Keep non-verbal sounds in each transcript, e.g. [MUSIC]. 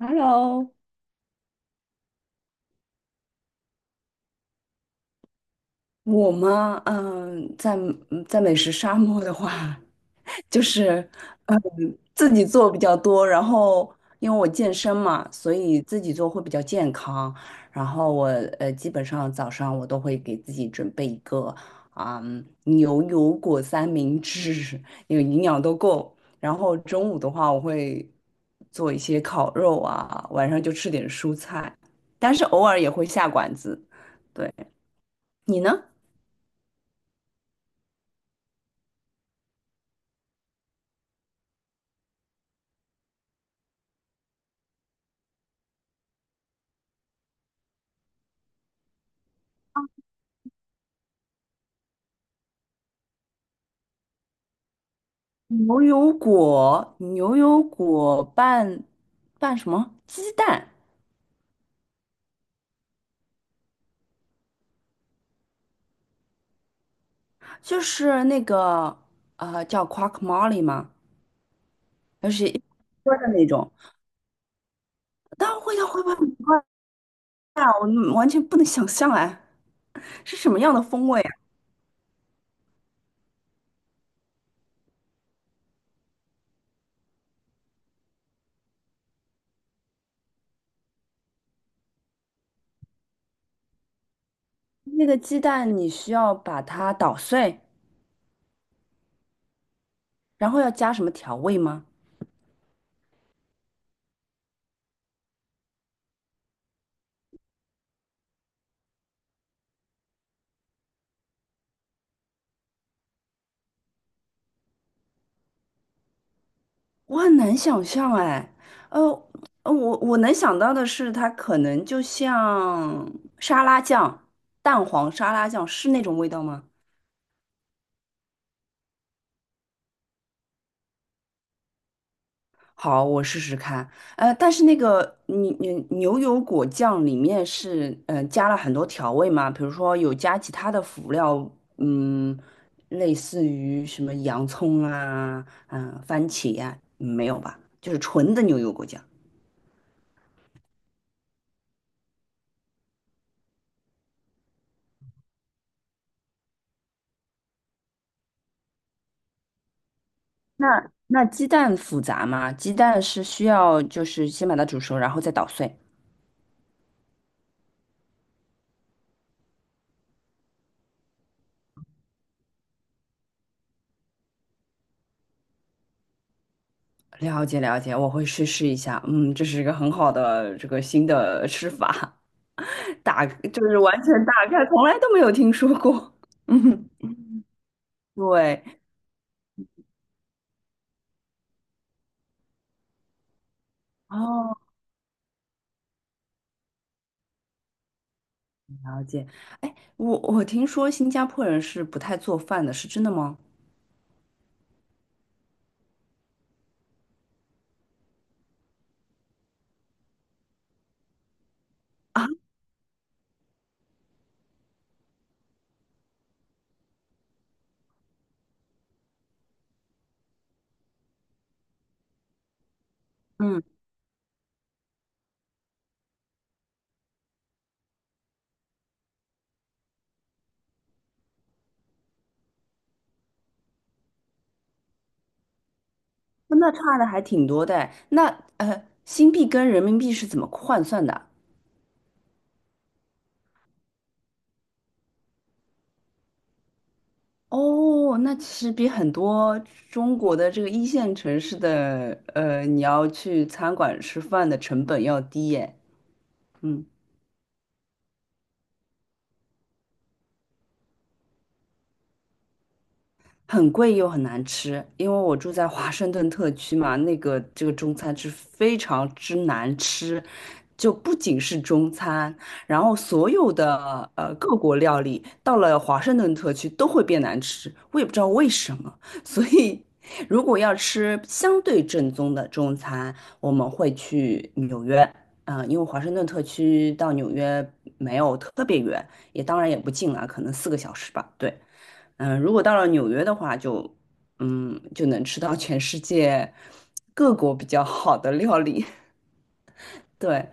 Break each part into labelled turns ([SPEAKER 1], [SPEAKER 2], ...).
[SPEAKER 1] Hello，我嘛，在美食沙漠的话，[LAUGHS] 就是嗯自己做比较多，然后因为我健身嘛，所以自己做会比较健康。然后基本上早上我都会给自己准备一个牛油果三明治，因为营养都够。然后中午的话，我会做一些烤肉啊，晚上就吃点蔬菜，但是偶尔也会下馆子。对，你呢？牛油果拌什么？鸡蛋，就是那个叫 quackmole 吗？就是一锅的那种，但味道会不会很怪啊？我完全不能想象哎，是什么样的风味啊？那个鸡蛋你需要把它捣碎，然后要加什么调味吗？我很难想象哎，呃，我能想到的是，它可能就像沙拉酱、蛋黄沙拉酱是那种味道吗？好，我试试看。但是那个牛油果酱里面是加了很多调味嘛，比如说有加其他的辅料，嗯，类似于什么洋葱啊、番茄呀，没有吧？就是纯的牛油果酱。那鸡蛋复杂吗？鸡蛋是需要就是先把它煮熟，然后再捣碎。了解了解，我会去试一下。嗯，这是一个很好的这个新的吃法，[LAUGHS] 就是完全打开，从来都没有听说过。[LAUGHS] 嗯，对，哦，了解。哎，我听说新加坡人是不太做饭的，是真的吗？嗯，那差的还挺多的哎。那新币跟人民币是怎么换算的啊？哦，那其实比很多中国的这个一线城市的，你要去餐馆吃饭的成本要低耶。嗯。很贵又很难吃，因为我住在华盛顿特区嘛，那个这个中餐是非常之难吃，就不仅是中餐，然后所有的各国料理到了华盛顿特区都会变难吃，我也不知道为什么。所以如果要吃相对正宗的中餐，我们会去纽约，因为华盛顿特区到纽约没有特别远，也当然也不近啊，可能4个小时吧，对。如果到了纽约的话就能吃到全世界各国比较好的料理。[LAUGHS] 对，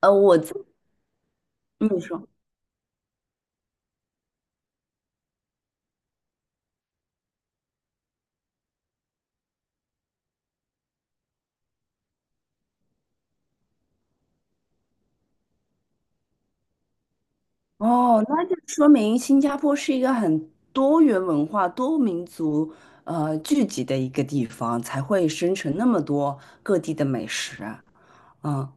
[SPEAKER 1] 呃，我自你说。哦，那就说明新加坡是一个很多元文化、多民族聚集的一个地方，才会生成那么多各地的美食啊。嗯，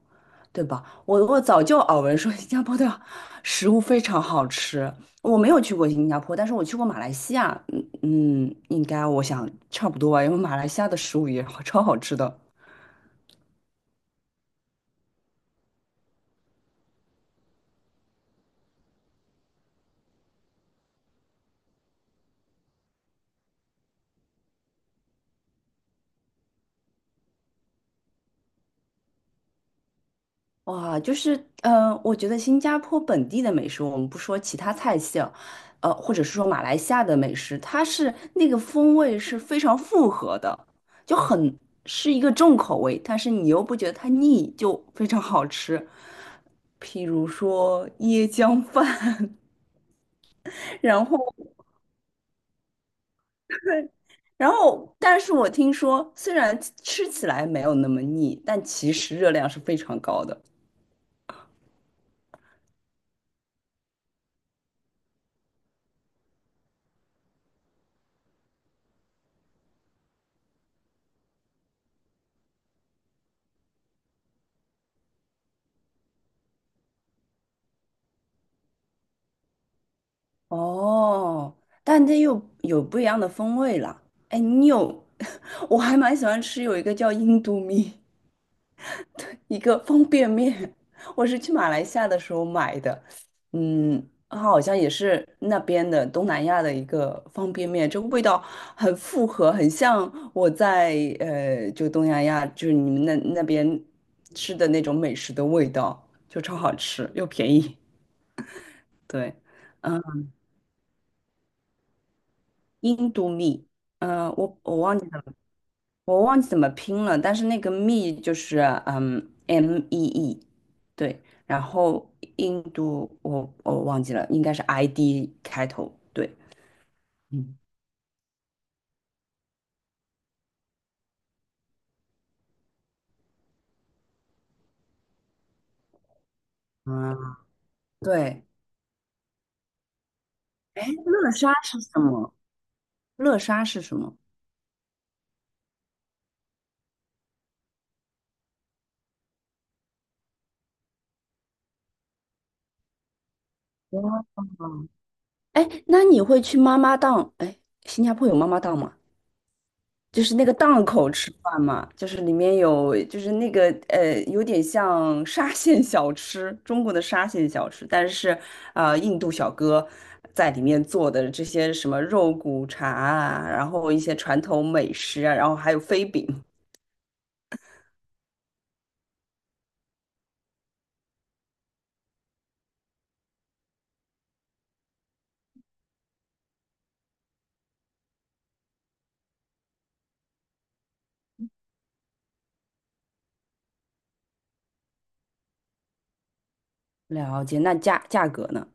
[SPEAKER 1] 对吧？我早就耳闻说新加坡的 [LAUGHS] 食物非常好吃，我没有去过新加坡，但是我去过马来西亚，应该我想差不多吧，因为马来西亚的食物也好超好吃的。哇，就是，我觉得新加坡本地的美食，我们不说其他菜系啊，或者是说马来西亚的美食，它是那个风味是非常复合的，就很是一个重口味，但是你又不觉得它腻，就非常好吃。譬如说椰浆饭，[LAUGHS] 然后，然后，但是我听说，虽然吃起来没有那么腻，但其实热量是非常高的。哦，但这又有不一样的风味了。哎，[LAUGHS] 我还蛮喜欢吃有一个叫印度米，一个方便面，[LAUGHS] 我是去马来西亚的时候买的。它好像也是那边的东南亚的一个方便面，这个味道很复合，很像我在就东南亚就是你们那边吃的那种美食的味道，就超好吃又便宜。对，嗯，印度米。我忘记了。我忘记怎么拼了，但是那个 me 就是mee，对，然后印度我忘记了，应该是 ID 开头，对，嗯，啊，对，哎，乐沙是什么？乐沙是什么？哦，哎，那你会去妈妈档？哎，新加坡有妈妈档吗？就是那个档口吃饭嘛，就是里面有，就是那个有点像沙县小吃，中国的沙县小吃，但是印度小哥在里面做的这些什么肉骨茶啊，然后一些传统美食啊，然后还有飞饼。了解，那价格呢？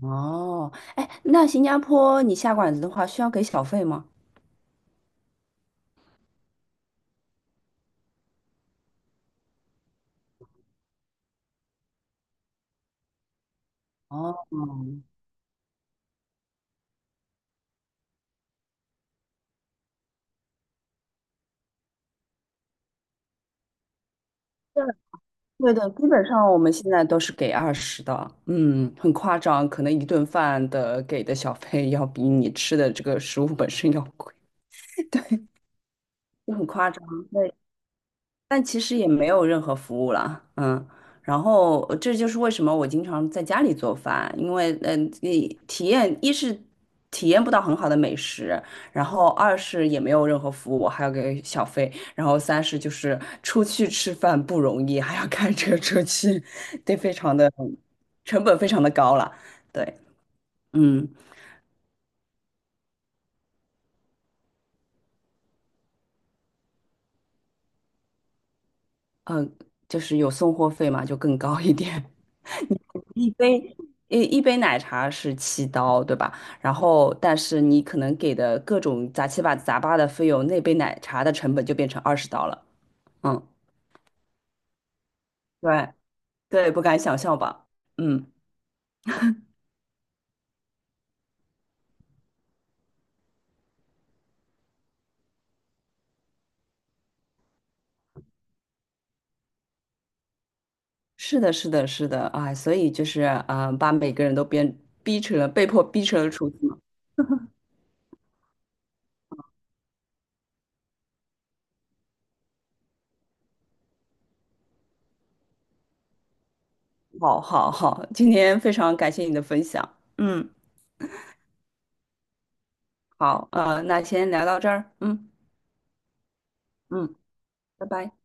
[SPEAKER 1] 哦，哎，那新加坡你下馆子的话需要给小费吗？哦，对的，基本上我们现在都是给二十的，很夸张，可能一顿饭的给的小费要比你吃的这个食物本身要贵，就很夸张。对。但其实也没有任何服务了，然后这就是为什么我经常在家里做饭，因为你体验一是体验不到很好的美食，然后二是也没有任何服务，我还要给小费，然后三是就是出去吃饭不容易，还要开车出去，[LAUGHS] 得非常的成本非常的高了，对，嗯嗯，就是有送货费嘛，就更高一点，一杯一杯奶茶是7刀，对吧？然后，但是你可能给的各种杂七八杂八的费用，那杯奶茶的成本就变成20刀了。嗯，对对，不敢想象吧？嗯，是的，是的，是的，哎，所以就是把每个人都变逼成了被迫逼成了厨子嘛。好好好，今天非常感谢你的分享。嗯，好，那先聊到这儿。嗯嗯，拜拜。